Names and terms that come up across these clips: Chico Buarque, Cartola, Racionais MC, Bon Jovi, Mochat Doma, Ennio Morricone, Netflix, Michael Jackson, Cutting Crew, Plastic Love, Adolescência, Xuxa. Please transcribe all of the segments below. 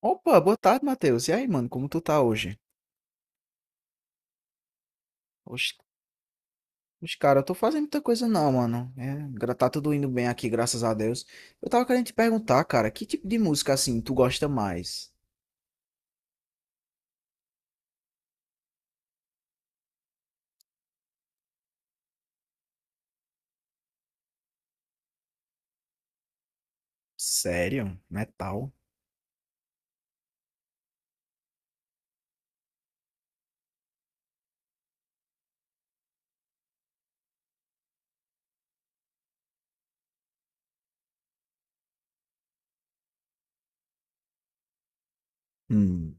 Opa, boa tarde, Matheus. E aí, mano, como tu tá hoje? Oxe, cara, eu tô fazendo muita coisa não, mano. Tá tudo indo bem aqui, graças a Deus. Eu tava querendo te perguntar, cara, que tipo de música, assim, tu gosta mais? Sério? Metal? Hum,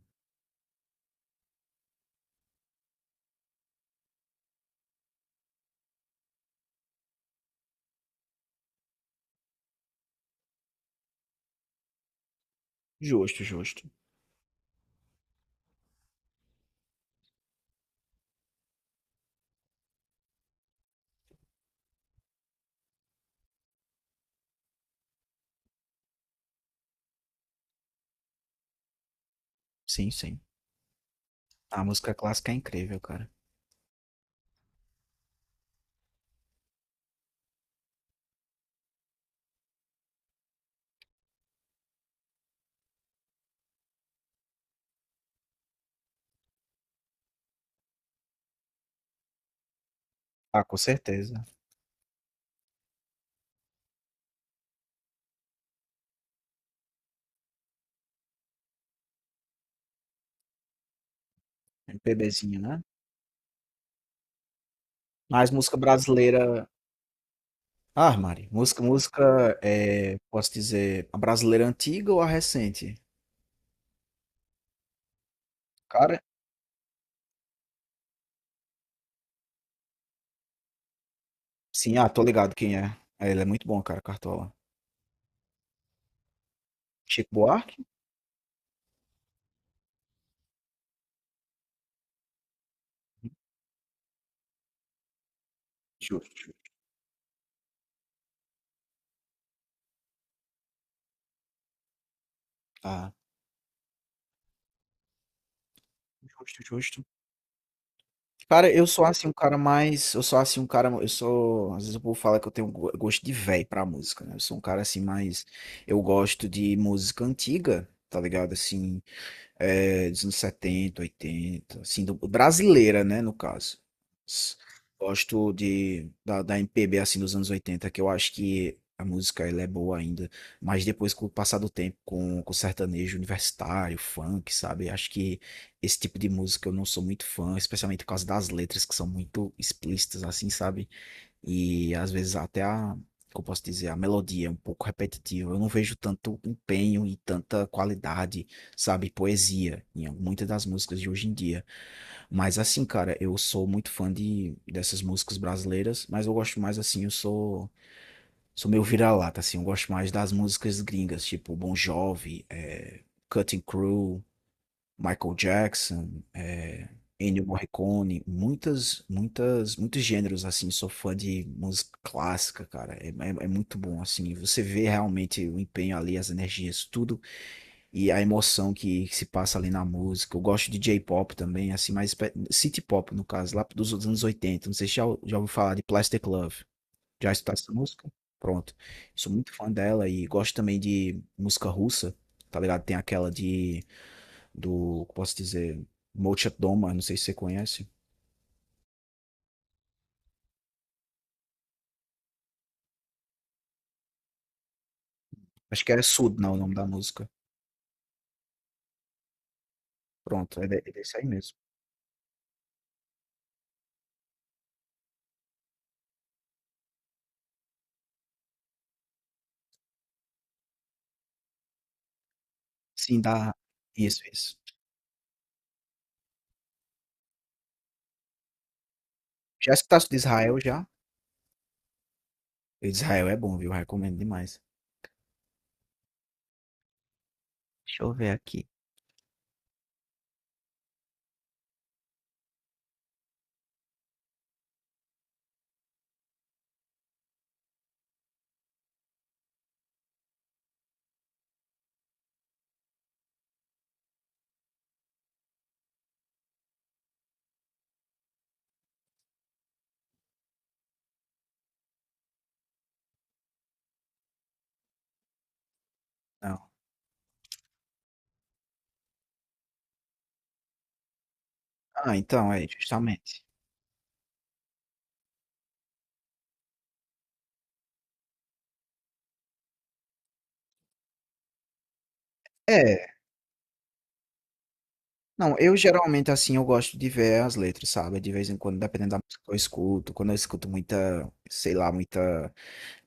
justo, justo. Sim, sim. A música clássica é incrível, cara. Ah, com certeza. MPBzinho, né? Mas música brasileira... Ah, Mari, música, é, posso dizer, a brasileira antiga ou a recente? Cara, sim, ah, tô ligado quem é. É, ele é muito bom, cara, Cartola. Chico Buarque? Justo. Ah, justo, justo. Cara, eu sou assim um cara mais. Eu sou assim um cara. Eu sou. Às vezes o povo fala que eu tenho gosto de velho pra música, né? Eu sou um cara assim mais. Eu gosto de música antiga, tá ligado? Assim, é, dos anos 70, 80, assim, brasileira, né, no caso. S- Gosto da MPB, assim, dos anos oitenta, que eu acho que a música, ela é boa ainda, mas depois, com o passar do tempo, com sertanejo universitário, funk, sabe, acho que esse tipo de música eu não sou muito fã, especialmente por causa das letras, que são muito explícitas, assim, sabe, e às vezes até como eu posso dizer, a melodia é um pouco repetitiva. Eu não vejo tanto empenho e tanta qualidade, sabe, poesia em muitas das músicas de hoje em dia. Mas assim, cara, eu sou muito fã de dessas músicas brasileiras, mas eu gosto mais assim, eu sou meio vira-lata assim, eu gosto mais das músicas gringas, tipo Bon Jovi, Cutting Crew, Michael Jackson, é, Ennio Morricone, muitas, muitas, muitos gêneros assim. Sou fã de música clássica, cara. É muito bom assim. Você vê realmente o empenho ali, as energias, tudo e a emoção que se passa ali na música. Eu gosto de J-pop também, assim, city pop no caso, lá dos anos 80. Não sei se já ouviu falar de Plastic Love. Já escutou essa música? Pronto. Sou muito fã dela e gosto também de música russa, tá ligado? Tem aquela posso dizer, Mochat Doma, não sei se você conhece. Acho que é Sud, não, o nome da música. Pronto, é desse aí mesmo. Sim, da. Isso, isso. Já escutaste de Israel já? E de Israel é bom, viu? Recomendo demais. Deixa eu ver aqui. Não. Ah, então, é, justamente. É, não, eu geralmente, assim, eu gosto de ver as letras, sabe? De vez em quando, dependendo da música que eu escuto. Quando eu escuto muita, sei lá, muita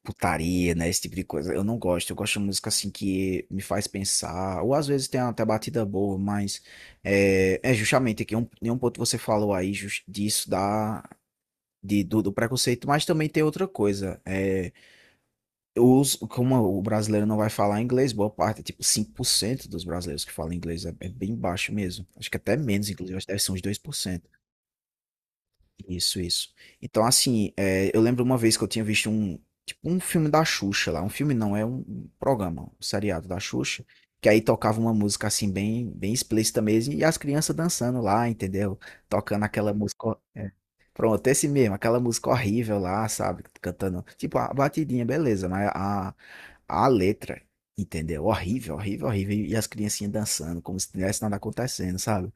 putaria, né? Esse tipo de coisa. Eu não gosto. Eu gosto de música assim que me faz pensar. Ou às vezes tem até batida boa, mas é, é justamente em um ponto que você falou aí disso da. Do do preconceito, mas também tem outra coisa. É, os, como o brasileiro não vai falar inglês, boa parte, tipo 5% dos brasileiros que falam inglês é, é bem baixo mesmo. Acho que até menos, inclusive, acho que deve ser uns 2%. Isso, isso. Então, assim, é, eu lembro uma vez que eu tinha visto tipo, um filme da Xuxa lá. Um filme não, é um programa, um seriado da Xuxa. Que aí tocava uma música, assim, bem, bem explícita mesmo. E as crianças dançando lá, entendeu? Tocando aquela música. Pronto, esse mesmo, aquela música horrível lá, sabe? Cantando. Tipo, a batidinha, beleza, mas a letra, entendeu? Horrível, horrível, horrível. E as criancinhas dançando, como se tivesse nada acontecendo, sabe?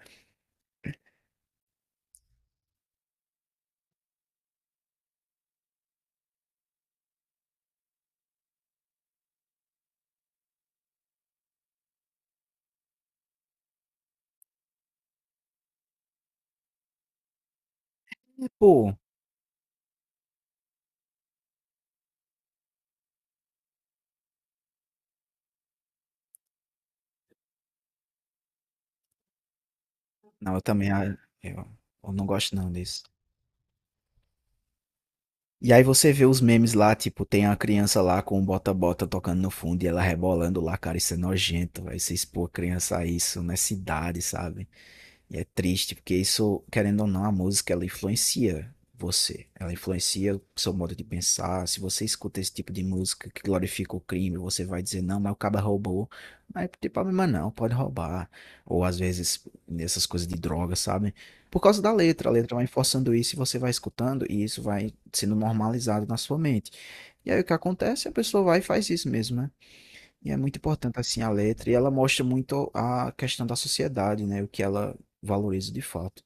E, pô. Não, eu também, ah, eu, eu não gosto não disso. E aí você vê os memes lá, tipo, tem a criança lá com o bota-bota tocando no fundo e ela rebolando lá, cara, isso é nojento, vai se expor a criança a isso nessa idade, sabe? E é triste, porque isso, querendo ou não, a música ela influencia você. Ela influencia o seu modo de pensar. Se você escuta esse tipo de música que glorifica o crime, você vai dizer, não, mas o cara roubou. Mas não tem problema não, pode roubar. Ou às vezes nessas coisas de droga, sabe? Por causa da letra, a letra vai forçando isso e você vai escutando e isso vai sendo normalizado na sua mente. E aí o que acontece? A pessoa vai e faz isso mesmo, né? E é muito importante assim a letra, e ela mostra muito a questão da sociedade, né, o que ela valoriza de fato.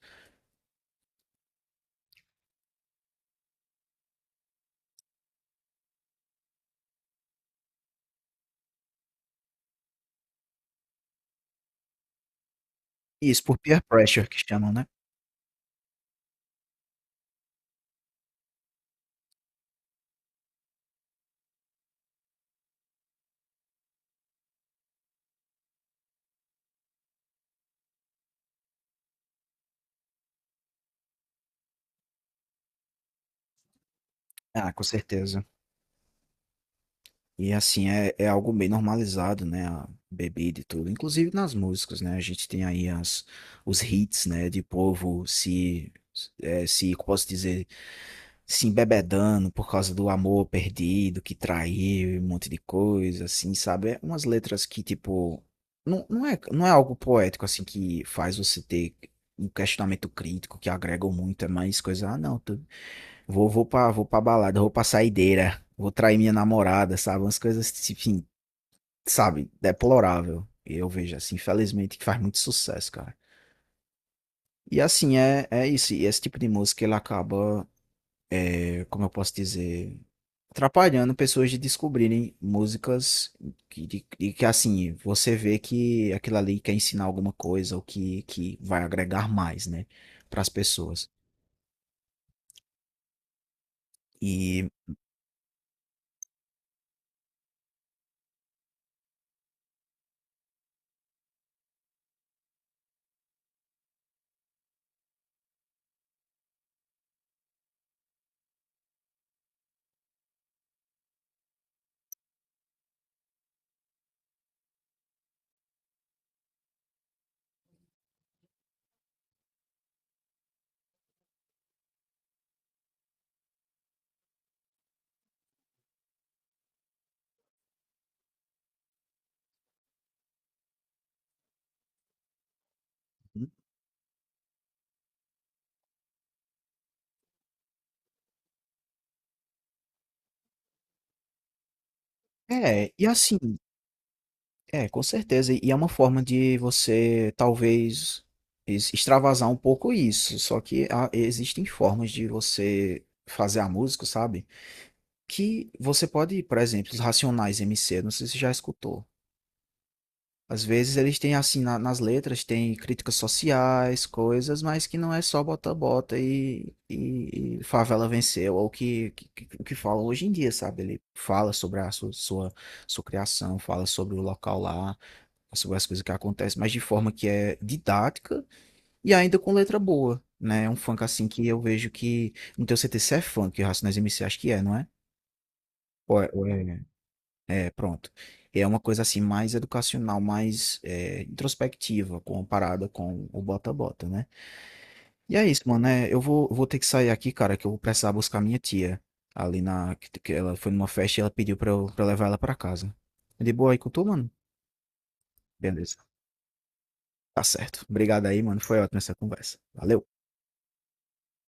Isso por peer pressure que chamam, né? Ah, com certeza. E assim é, é algo bem normalizado, né, a bebida e tudo, inclusive nas músicas, né? A gente tem aí as os hits, né, de povo se é, se posso dizer, se embebedando por causa do amor perdido, que traiu e um monte de coisa, assim, sabe? É Umas letras que, tipo, não é, não é algo poético, assim, que faz você ter um questionamento crítico, que agregam muito, é mais coisa, ah, não, tô- vou, vou pra balada, vou pra saideira, vou trair minha namorada, sabe? Umas coisas, enfim, sabe? Deplorável. Eu vejo, assim, infelizmente, que faz muito sucesso, cara. E assim, é, é isso. E esse tipo de música, ele acaba, é, como eu posso dizer, atrapalhando pessoas de descobrirem músicas de que assim, você vê que aquilo ali quer ensinar alguma coisa ou que vai agregar mais, né, para as pessoas. E é, e assim, é, com certeza, e é uma forma de você talvez extravasar um pouco isso, só que existem formas de você fazer a música, sabe? Que você pode, por exemplo, os Racionais MC, não sei se você já escutou. Às vezes eles têm assim nas letras, tem críticas sociais, coisas, mas que não é só bota bota e favela venceu, ou o o que falam hoje em dia, sabe? Ele fala sobre a sua criação, fala sobre o local lá, sobre as coisas que acontecem, mas de forma que é didática e ainda com letra boa, né? É um funk assim que eu vejo que. Não tenho certeza se é funk, o Racionais MC acho que é, não é? Ou é, pronto. É uma coisa assim mais educacional, mais é, introspectiva, comparada com o bota-bota, né? E é isso, mano. É, eu vou, vou ter que sair aqui, cara, que eu vou precisar buscar minha tia. Ali na. Que ela foi numa festa e ela pediu pra eu levar ela pra casa. De boa aí com tu, mano? Beleza. Tá certo. Obrigado aí, mano. Foi ótima essa conversa. Valeu.